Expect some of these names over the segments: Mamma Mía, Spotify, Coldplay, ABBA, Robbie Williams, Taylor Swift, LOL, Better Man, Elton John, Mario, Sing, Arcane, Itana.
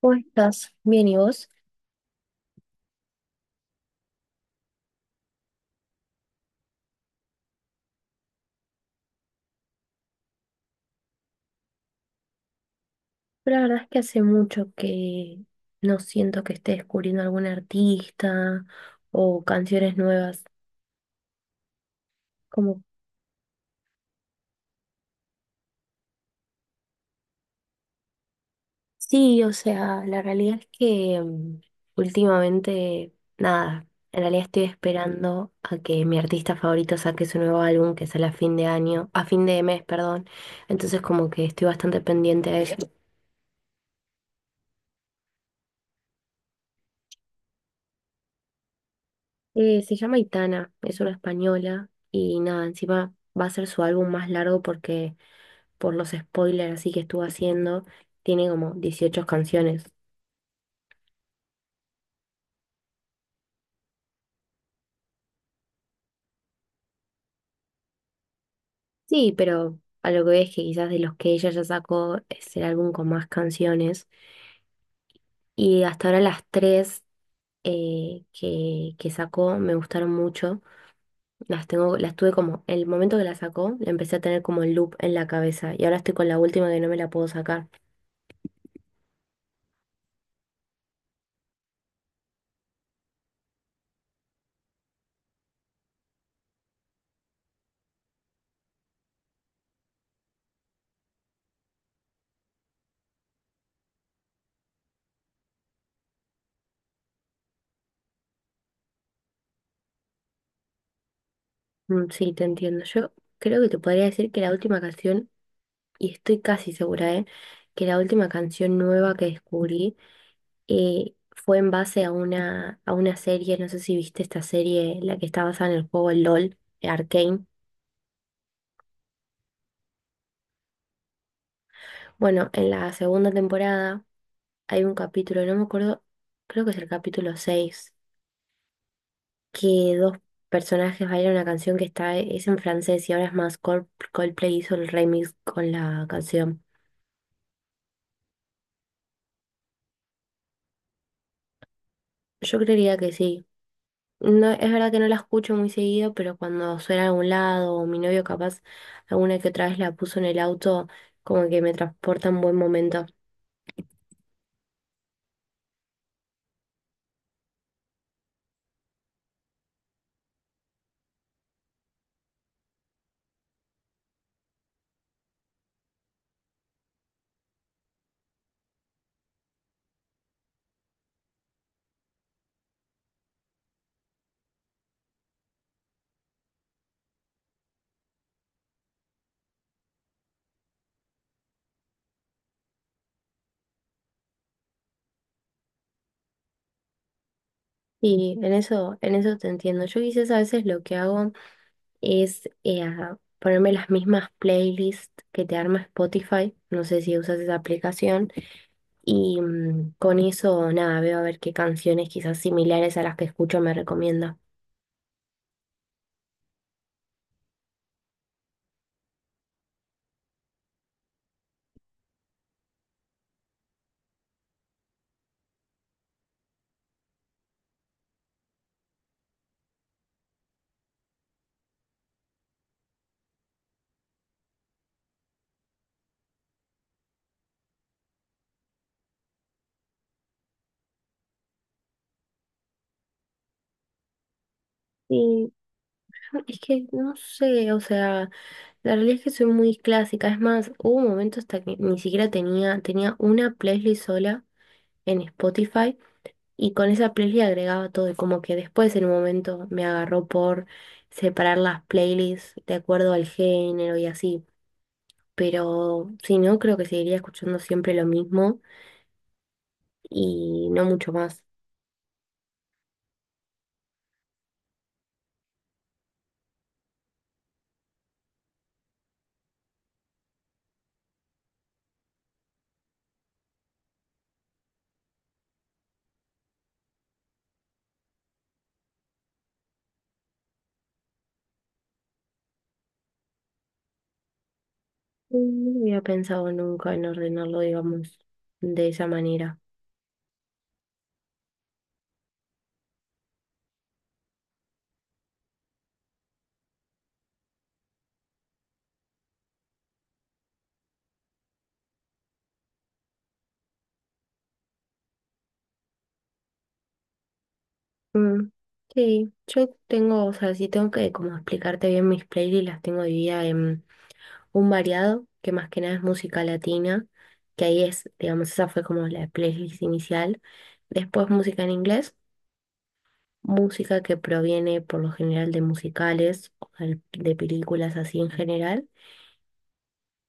¿Cómo estás? Bien, ¿y vos? Yo La verdad es que hace mucho que no siento que esté descubriendo algún artista o canciones nuevas. Como, sí, o sea, la realidad es que últimamente, nada, en realidad estoy esperando a que mi artista favorito saque su nuevo álbum que sale a fin de año, a fin de mes, perdón. Entonces como que estoy bastante pendiente a eso. Se llama Itana, es una española y nada, encima va a ser su álbum más largo porque por los spoilers así que estuvo haciendo, tiene como 18 canciones. Sí, pero a lo que veo es que quizás de los que ella ya sacó es el álbum con más canciones. Y hasta ahora las tres que sacó me gustaron mucho. Las tengo, las tuve como, el momento que la sacó, la empecé a tener como el loop en la cabeza. Y ahora estoy con la última que no me la puedo sacar. Mm, sí, te entiendo. Yo creo que te podría decir que la última canción, y estoy casi segura, ¿eh? Que la última canción nueva que descubrí fue en base a una serie, no sé si viste esta serie, la que está basada en el juego LOL, Arcane. Bueno, en la segunda temporada hay un capítulo, no me acuerdo, creo que es el capítulo 6 que dos personajes bailan una canción que está, es en francés y ahora es más Coldplay hizo el remix con la canción. Yo creería que sí. No, es verdad que no la escucho muy seguido, pero cuando suena a algún lado, o mi novio capaz alguna que otra vez la puso en el auto, como que me transporta a un buen momento. Y en eso te entiendo. Yo quizás a veces lo que hago es ponerme las mismas playlists que te arma Spotify, no sé si usas esa aplicación, y con eso nada, veo a ver qué canciones quizás similares a las que escucho me recomienda. Y es que no sé, o sea... La realidad es que soy muy clásica, es más, hubo un momento hasta que ni siquiera tenía una playlist sola en Spotify y con esa playlist agregaba todo y como que después en un momento me agarró por separar las playlists de acuerdo al género y así, pero si no, creo que seguiría escuchando siempre lo mismo y no mucho más. Mm, no había pensado nunca en ordenarlo, digamos, de esa manera. Mm, sí, yo tengo, o sea, sí tengo que como explicarte bien mis playlists, las tengo divididas en un variado, que más que nada es música latina, que ahí es, digamos, esa fue como la playlist inicial. Después música en inglés, música que proviene por lo general de musicales, o de películas así en general.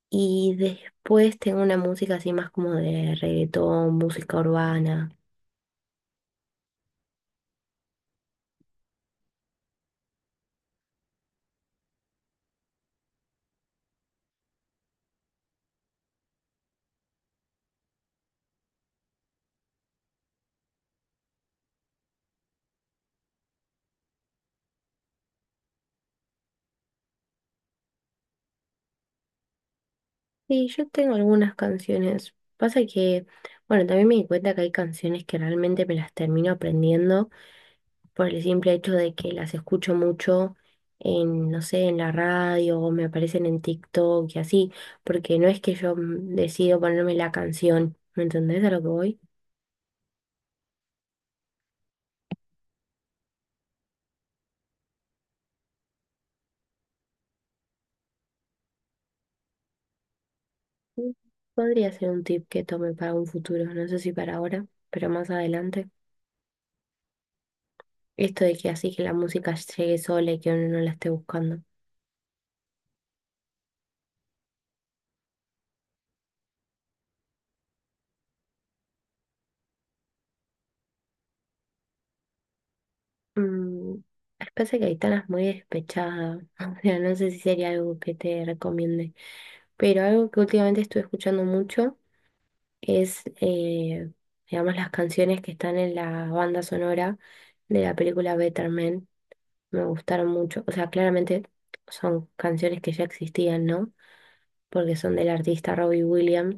Y después tengo una música así más como de reggaetón, música urbana. Sí, yo tengo algunas canciones. Pasa que, bueno, también me di cuenta que hay canciones que realmente me las termino aprendiendo por el simple hecho de que las escucho mucho en, no sé, en la radio o me aparecen en TikTok y así, porque no es que yo decido ponerme la canción, ¿me entendés a lo que voy? Mm, podría ser un tip que tome para un futuro, no sé si para ahora, pero más adelante. Esto de que así que la música llegue sola y que uno no la esté buscando. Mm, Pasa que Aitana es muy despechadas o sea, no sé si sería algo que te recomiende, pero algo que últimamente estuve escuchando mucho es, digamos, las canciones que están en la banda sonora de la película Better Man, me gustaron mucho, o sea, claramente son canciones que ya existían, ¿no? Porque son del artista Robbie Williams,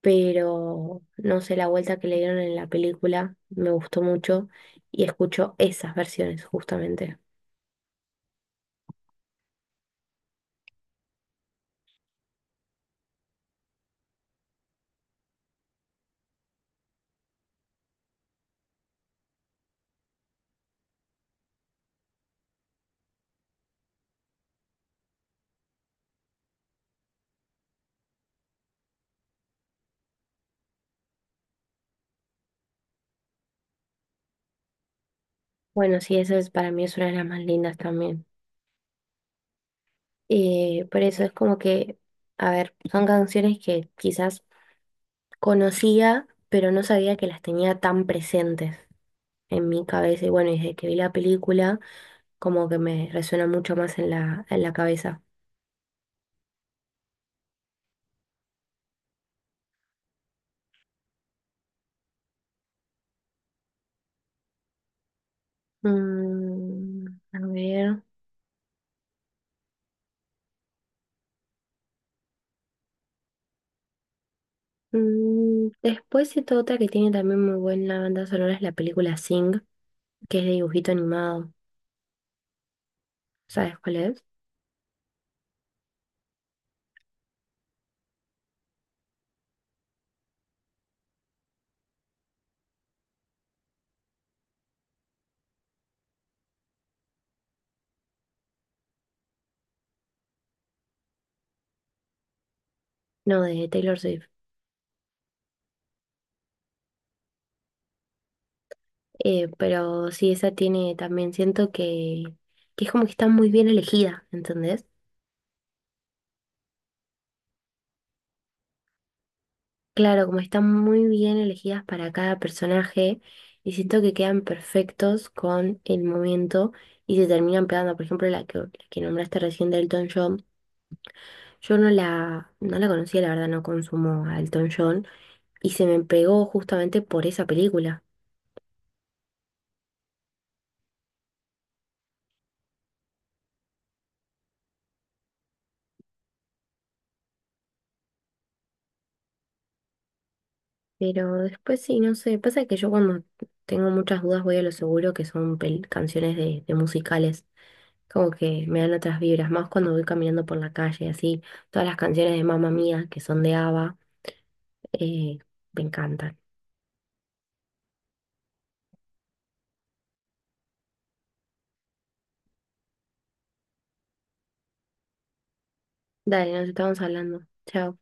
pero no sé, la vuelta que le dieron en la película me gustó mucho y escucho esas versiones justamente. Bueno, sí, esa es, para mí es una de las más lindas también. Por eso es como que, a ver, son canciones que quizás conocía, pero no sabía que las tenía tan presentes en mi cabeza. Y bueno, desde que vi la película, como que me resuena mucho más en en la cabeza. Mm, a ver. Mm, después esta otra que tiene también muy buena banda sonora es la película Sing, que es de dibujito animado. ¿Sabes cuál es? No, de Taylor Swift. Pero sí, esa tiene también, siento que es como que está muy bien elegida, ¿entendés? Claro, como están muy bien elegidas para cada personaje y siento que quedan perfectos con el momento y se terminan pegando, por ejemplo, la que nombraste recién de Elton John, yo no no la conocía, la verdad no consumo a Elton John y se me pegó justamente por esa película. Pero después sí, no sé, pasa que yo cuando tengo muchas dudas voy a lo seguro que son canciones de musicales. Como que me dan otras vibras, más cuando voy caminando por la calle, así. Todas las canciones de Mamma Mía, que son de ABBA, eh, me encantan. Dale, nos estamos hablando. Chao.